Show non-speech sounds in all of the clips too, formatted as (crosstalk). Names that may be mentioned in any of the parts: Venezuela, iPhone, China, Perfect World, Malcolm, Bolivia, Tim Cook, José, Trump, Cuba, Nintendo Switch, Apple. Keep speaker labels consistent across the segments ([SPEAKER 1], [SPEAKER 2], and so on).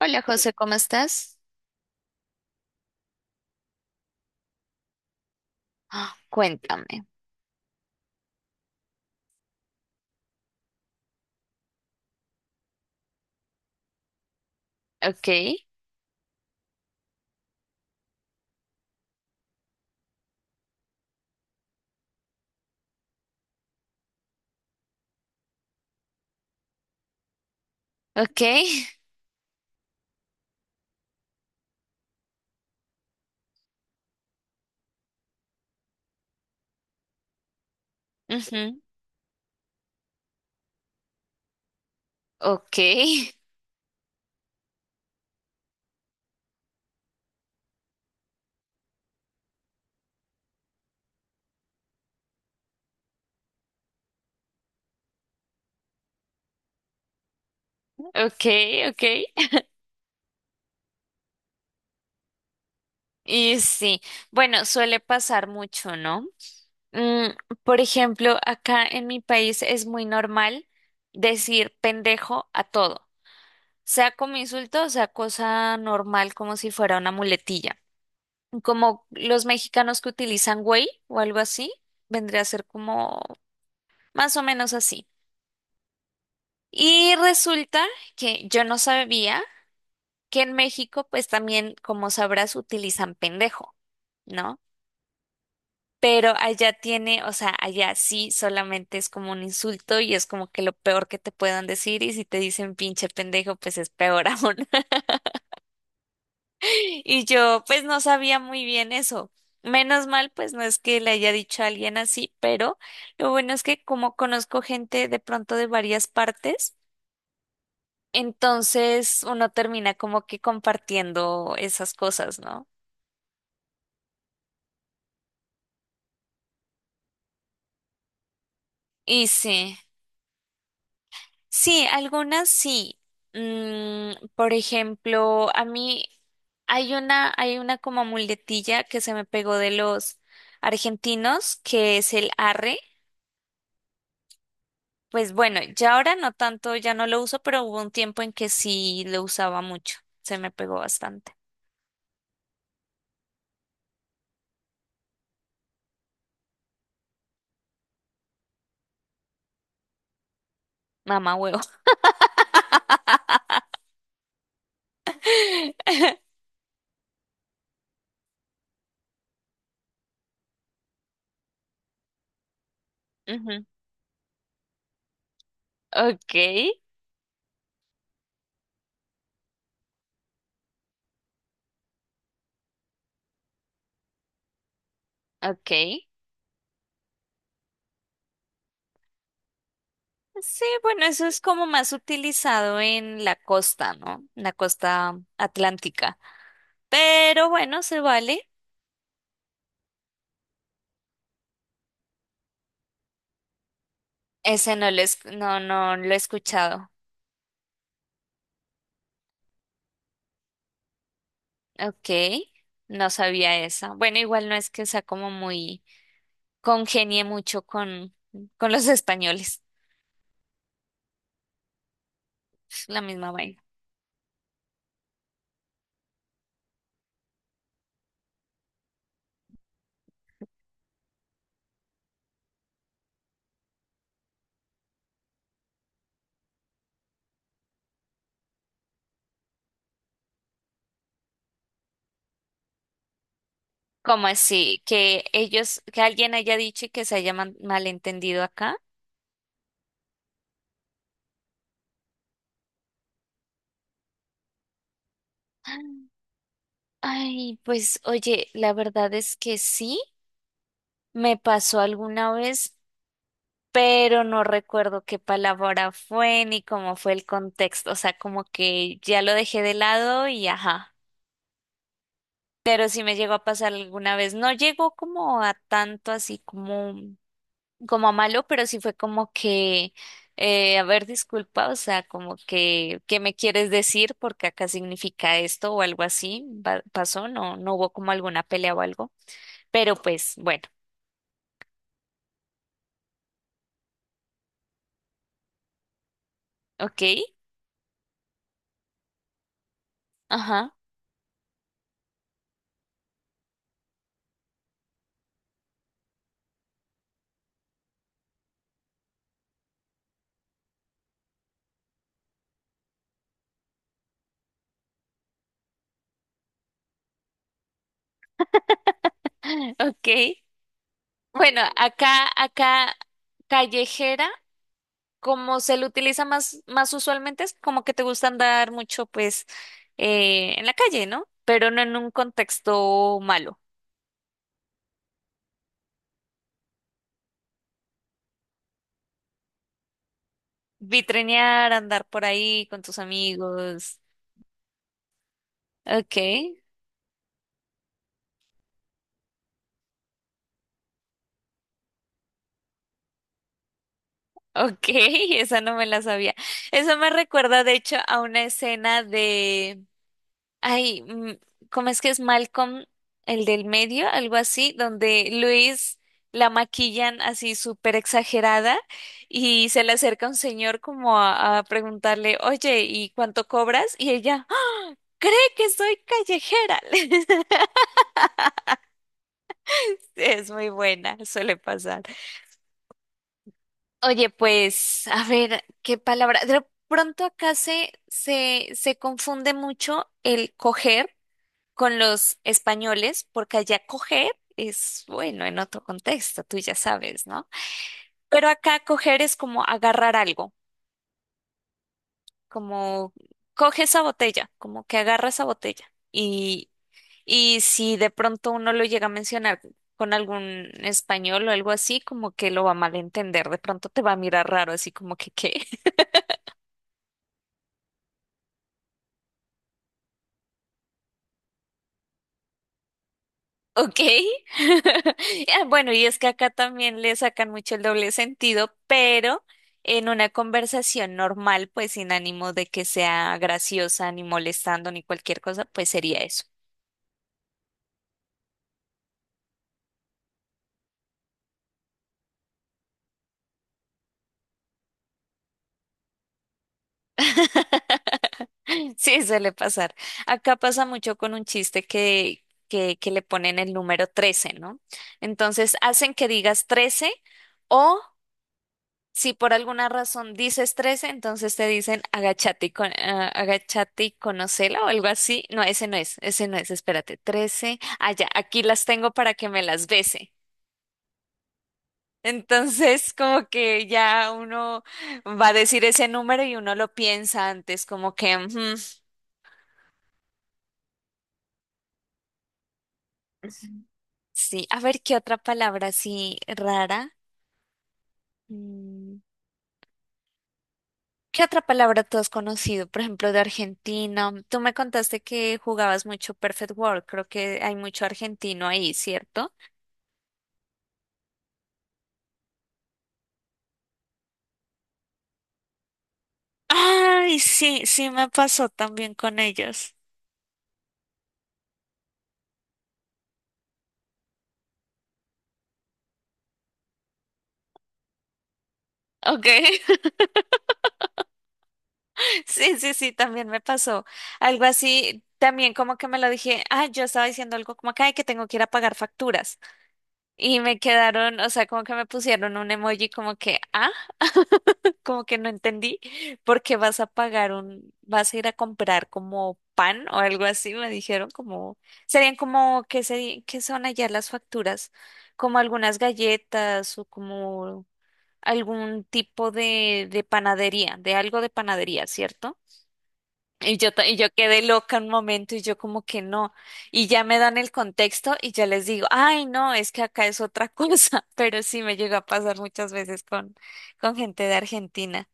[SPEAKER 1] Hola José, ¿cómo estás? Ah, cuéntame. Ok, ok, (laughs) ujú, ok, ok, ok. Y sí, bueno, suele pasar mucho, ¿no? Mm, por ejemplo, acá en mi país es muy normal decir pendejo a todo, sea como insulto, o sea cosa normal, como si fuera una muletilla. Como los mexicanos que utilizan güey o algo así, vendría a ser como más o menos así. Y resulta que yo no sabía que en México, pues también, como sabrás, utilizan pendejo, ¿no? Pero allá tiene, o sea, allá sí solamente es como un insulto y es como que lo peor que te puedan decir y si te dicen pinche pendejo, pues es peor (laughs) aún. Y yo, pues no sabía muy bien eso. Menos mal, pues no es que le haya dicho a alguien así, pero lo bueno es que como conozco gente de pronto de varias partes, entonces uno termina como que compartiendo esas cosas, ¿no? Y sí, sí, algunas sí. Por ejemplo, a mí hay una como muletilla que se me pegó de los argentinos, que es el arre. Pues bueno, ya ahora no tanto, ya no lo uso, pero hubo un tiempo en que sí lo usaba mucho. Se me pegó bastante. Mamá huevo. (laughs) Ujú. Ok, ok. Sí, bueno, eso es como más utilizado en la costa, ¿no? En la costa atlántica. Pero bueno, se vale. Ese no lo es, no, no lo he escuchado. Ok, no sabía esa. Bueno, igual no es que sea como muy congenie mucho con los españoles. (laughs) La misma vaina. ¿Cómo así? Que ellos, que alguien haya dicho y que se haya malentendido acá. Ay, pues oye, la verdad es que sí. Me pasó alguna vez pero no recuerdo qué palabra fue ni cómo fue el contexto, o sea, como que ya lo dejé de lado y ajá. Pero sí me llegó a pasar alguna vez, no llegó como a tanto así como, como a malo, pero sí fue como que, a ver, disculpa, o sea, como que, ¿qué me quieres decir? Porque acá significa esto o algo así, va- pasó, no, no hubo como alguna pelea o algo, pero pues bueno, ok, ajá, (laughs) ok. Bueno, acá, acá callejera, como se le utiliza más, más usualmente, es como que te gusta andar mucho, pues, en la calle, ¿no? Pero no en un contexto malo. Vitrinear, andar por ahí con tus amigos. Ok, ok, (laughs) esa no me la sabía. Eso me recuerda, de hecho, a una escena de ay, ¿cómo es que es Malcolm, el del medio, algo así, donde Luis la maquillan así súper exagerada y se le acerca un señor como a preguntarle, oye, ¿y cuánto cobras? Y ella, "Ah, cree que soy callejera". (laughs) Es muy buena, suele pasar. Oye, pues, a ver, ¿qué palabra? De pronto acá se, se, se confunde mucho el coger con los españoles, porque allá coger es, bueno, en otro contexto, tú ya sabes, ¿no? Pero acá coger es como agarrar algo, como coge esa botella, como que agarra esa botella. Y si de pronto uno lo llega a mencionar con algún español o algo así, como que lo va a malentender, de pronto te va a mirar raro, así como que, ¿qué? Ok. (laughs) Ah, bueno, y es que acá también le sacan mucho el doble sentido, pero en una conversación normal, pues sin ánimo de que sea graciosa, ni molestando, ni cualquier cosa, pues sería eso. (laughs) Sí, suele pasar. Acá pasa mucho con un chiste que le ponen el número 13, ¿no? Entonces hacen que digas 13 o si por alguna razón dices 13, entonces te dicen agachate y, con, ah, agachate y conocela o algo así. No, ese no es, espérate, 13. Ah, ya, aquí las tengo para que me las bese. Entonces, como que ya uno va a decir ese número y uno lo piensa antes, como que, ujú, sí, a ver qué otra palabra así rara. Mm, ¿Qué otra palabra tú has conocido? Por ejemplo, de Argentina. Tú me contaste que jugabas mucho Perfect World. Creo que hay mucho argentino ahí, ¿cierto? Ay, sí, sí me pasó también con ellos. Ok, (laughs) sí, sí, sí, también me pasó. Algo así, también como que me lo dije, ah, yo estaba diciendo algo como que, ay, que tengo que ir a pagar facturas. Y me quedaron, o sea, como que me pusieron un emoji como que, ah, como que no entendí, porque vas a pagar un, vas a ir a comprar como pan o algo así, me dijeron como, serían como, ¿qué qué son allá las facturas? Como algunas galletas o como algún tipo de panadería, de algo de panadería, ¿cierto? Y yo, y yo quedé loca un momento y yo como que no. Y ya me dan el contexto y ya les digo, ay, no, es que acá es otra cosa. (laughs) Pero sí me llegó a pasar muchas veces con gente de Argentina.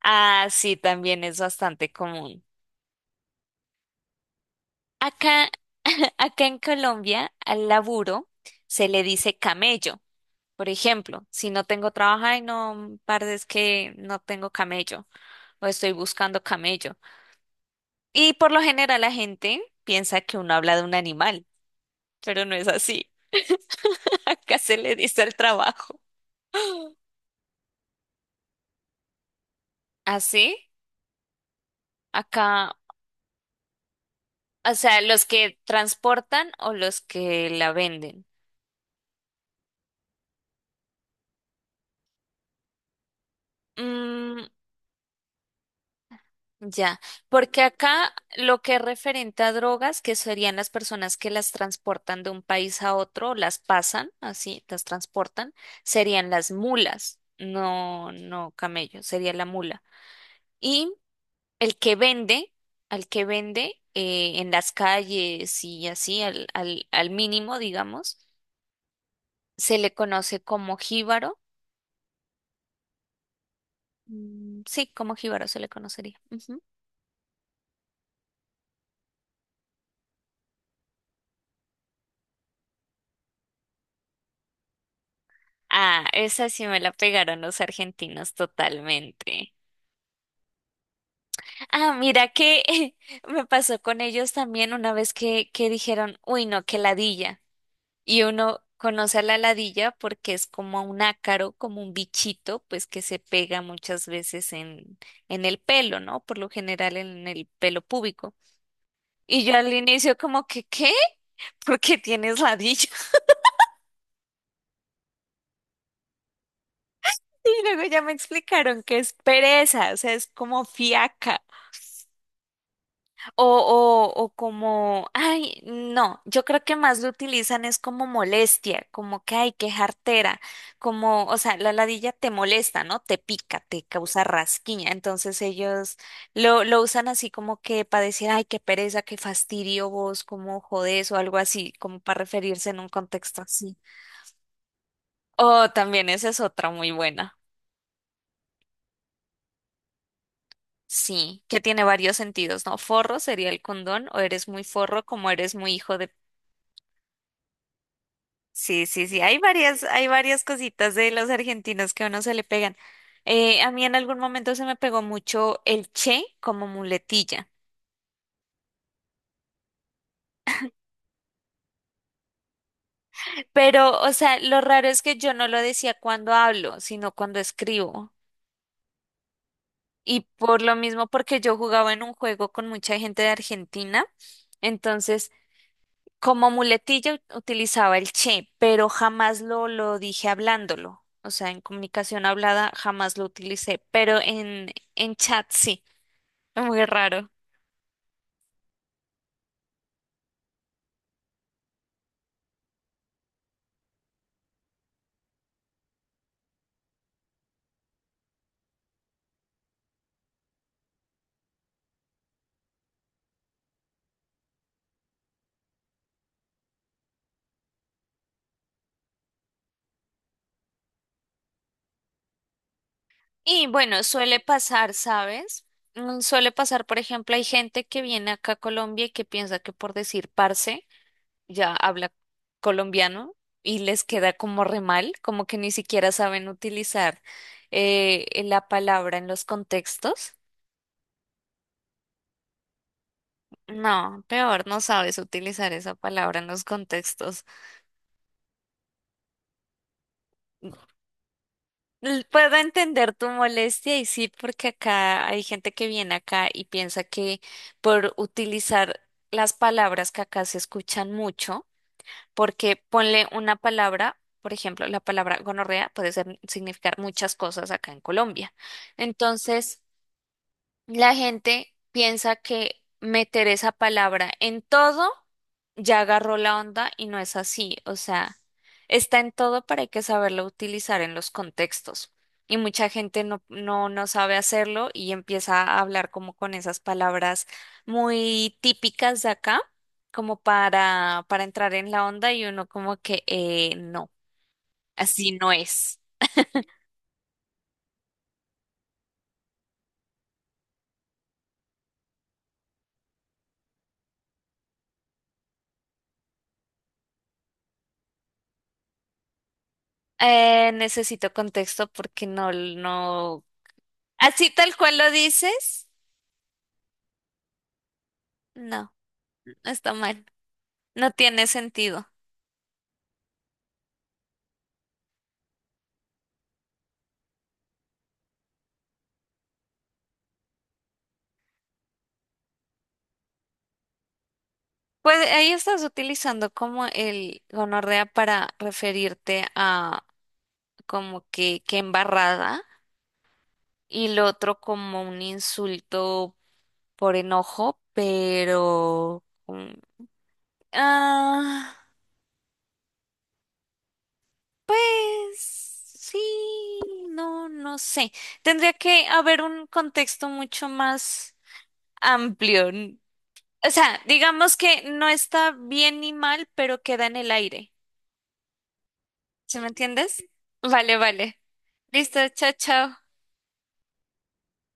[SPEAKER 1] Ah, sí, también es bastante común. Acá, (laughs) acá en Colombia, al laburo se le dice camello. Por ejemplo, si no tengo trabajo, ay, no, parce, es que no tengo camello o estoy buscando camello. Y por lo general la gente piensa que uno habla de un animal, pero no es así. (laughs) Acá se le dice el trabajo. (gasps) ¿Así? Acá, o sea, los que transportan o los que la venden. Mm, Ya, porque acá lo que es referente a drogas, que serían las personas que las transportan de un país a otro, las pasan, así, las transportan, serían las mulas, no, no camello, sería la mula. Y el que vende, al que vende en las calles y así, al, al, al mínimo, digamos, se le conoce como jíbaro. Sí, como jíbaro se le conocería. Ujú. Ah, esa sí me la pegaron los argentinos totalmente. Ah, mira que (laughs) me pasó con ellos también una vez que dijeron, uy, no, que ladilla. Y uno conoce a la ladilla porque es como un ácaro, como un bichito, pues que se pega muchas veces en el pelo, ¿no? Por lo general en el pelo púbico. Y yo al inicio como que, ¿qué? ¿Por qué tienes ladilla? (laughs) Y luego ya me explicaron que es pereza, o sea, es como fiaca. O, o como, ay, no, yo creo que más lo utilizan es como molestia, como que, ay, qué jartera, como, o sea, la ladilla te molesta, ¿no? Te pica, te causa rasquiña, entonces ellos lo usan así como que para decir, ay, qué pereza, qué fastidio vos, como jodés o algo así, como para referirse en un contexto así. Oh, también esa es otra muy buena. Sí, que tiene varios sentidos, ¿no? Forro sería el condón, o eres muy forro, como eres muy hijo de... Sí, sí, sí, hay varias cositas de los argentinos que a uno se le pegan. A mí en algún momento se me pegó mucho el che como muletilla, pero, o sea, lo raro es que yo no lo decía cuando hablo, sino cuando escribo. Y por lo mismo, porque yo jugaba en un juego con mucha gente de Argentina, entonces como muletilla utilizaba el che, pero jamás lo, lo dije hablándolo. O sea, en comunicación hablada jamás lo utilicé, pero en chat sí. Muy raro. Y bueno, suele pasar, ¿sabes? Suele pasar, por ejemplo, hay gente que viene acá a Colombia y que piensa que por decir parce ya habla colombiano y les queda como re mal, como que ni siquiera saben utilizar la palabra en los contextos. No, peor, no sabes utilizar esa palabra en los contextos. Puedo entender tu molestia y sí, porque acá hay gente que viene acá y piensa que por utilizar las palabras que acá se escuchan mucho, porque ponle una palabra, por ejemplo, la palabra gonorrea puede significar muchas cosas acá en Colombia. Entonces, la gente piensa que meter esa palabra en todo ya agarró la onda y no es así. O sea, está en todo, pero hay que saberlo utilizar en los contextos. Y mucha gente no, no, no sabe hacerlo y empieza a hablar como con esas palabras muy típicas de acá, como para entrar en la onda y uno como que no, así no es. Necesito contexto porque no, no. Así tal cual lo dices, no, no está mal, no tiene sentido. Pues ahí estás utilizando como el gonorrea para referirte a como que embarrada y lo otro como un insulto por enojo, pero... ah, pues sí, no, no sé. Tendría que haber un contexto mucho más amplio. O sea, digamos que no está bien ni mal, pero queda en el aire. ¿Sí me entiendes? Vale, vale. Listo, chao, chao.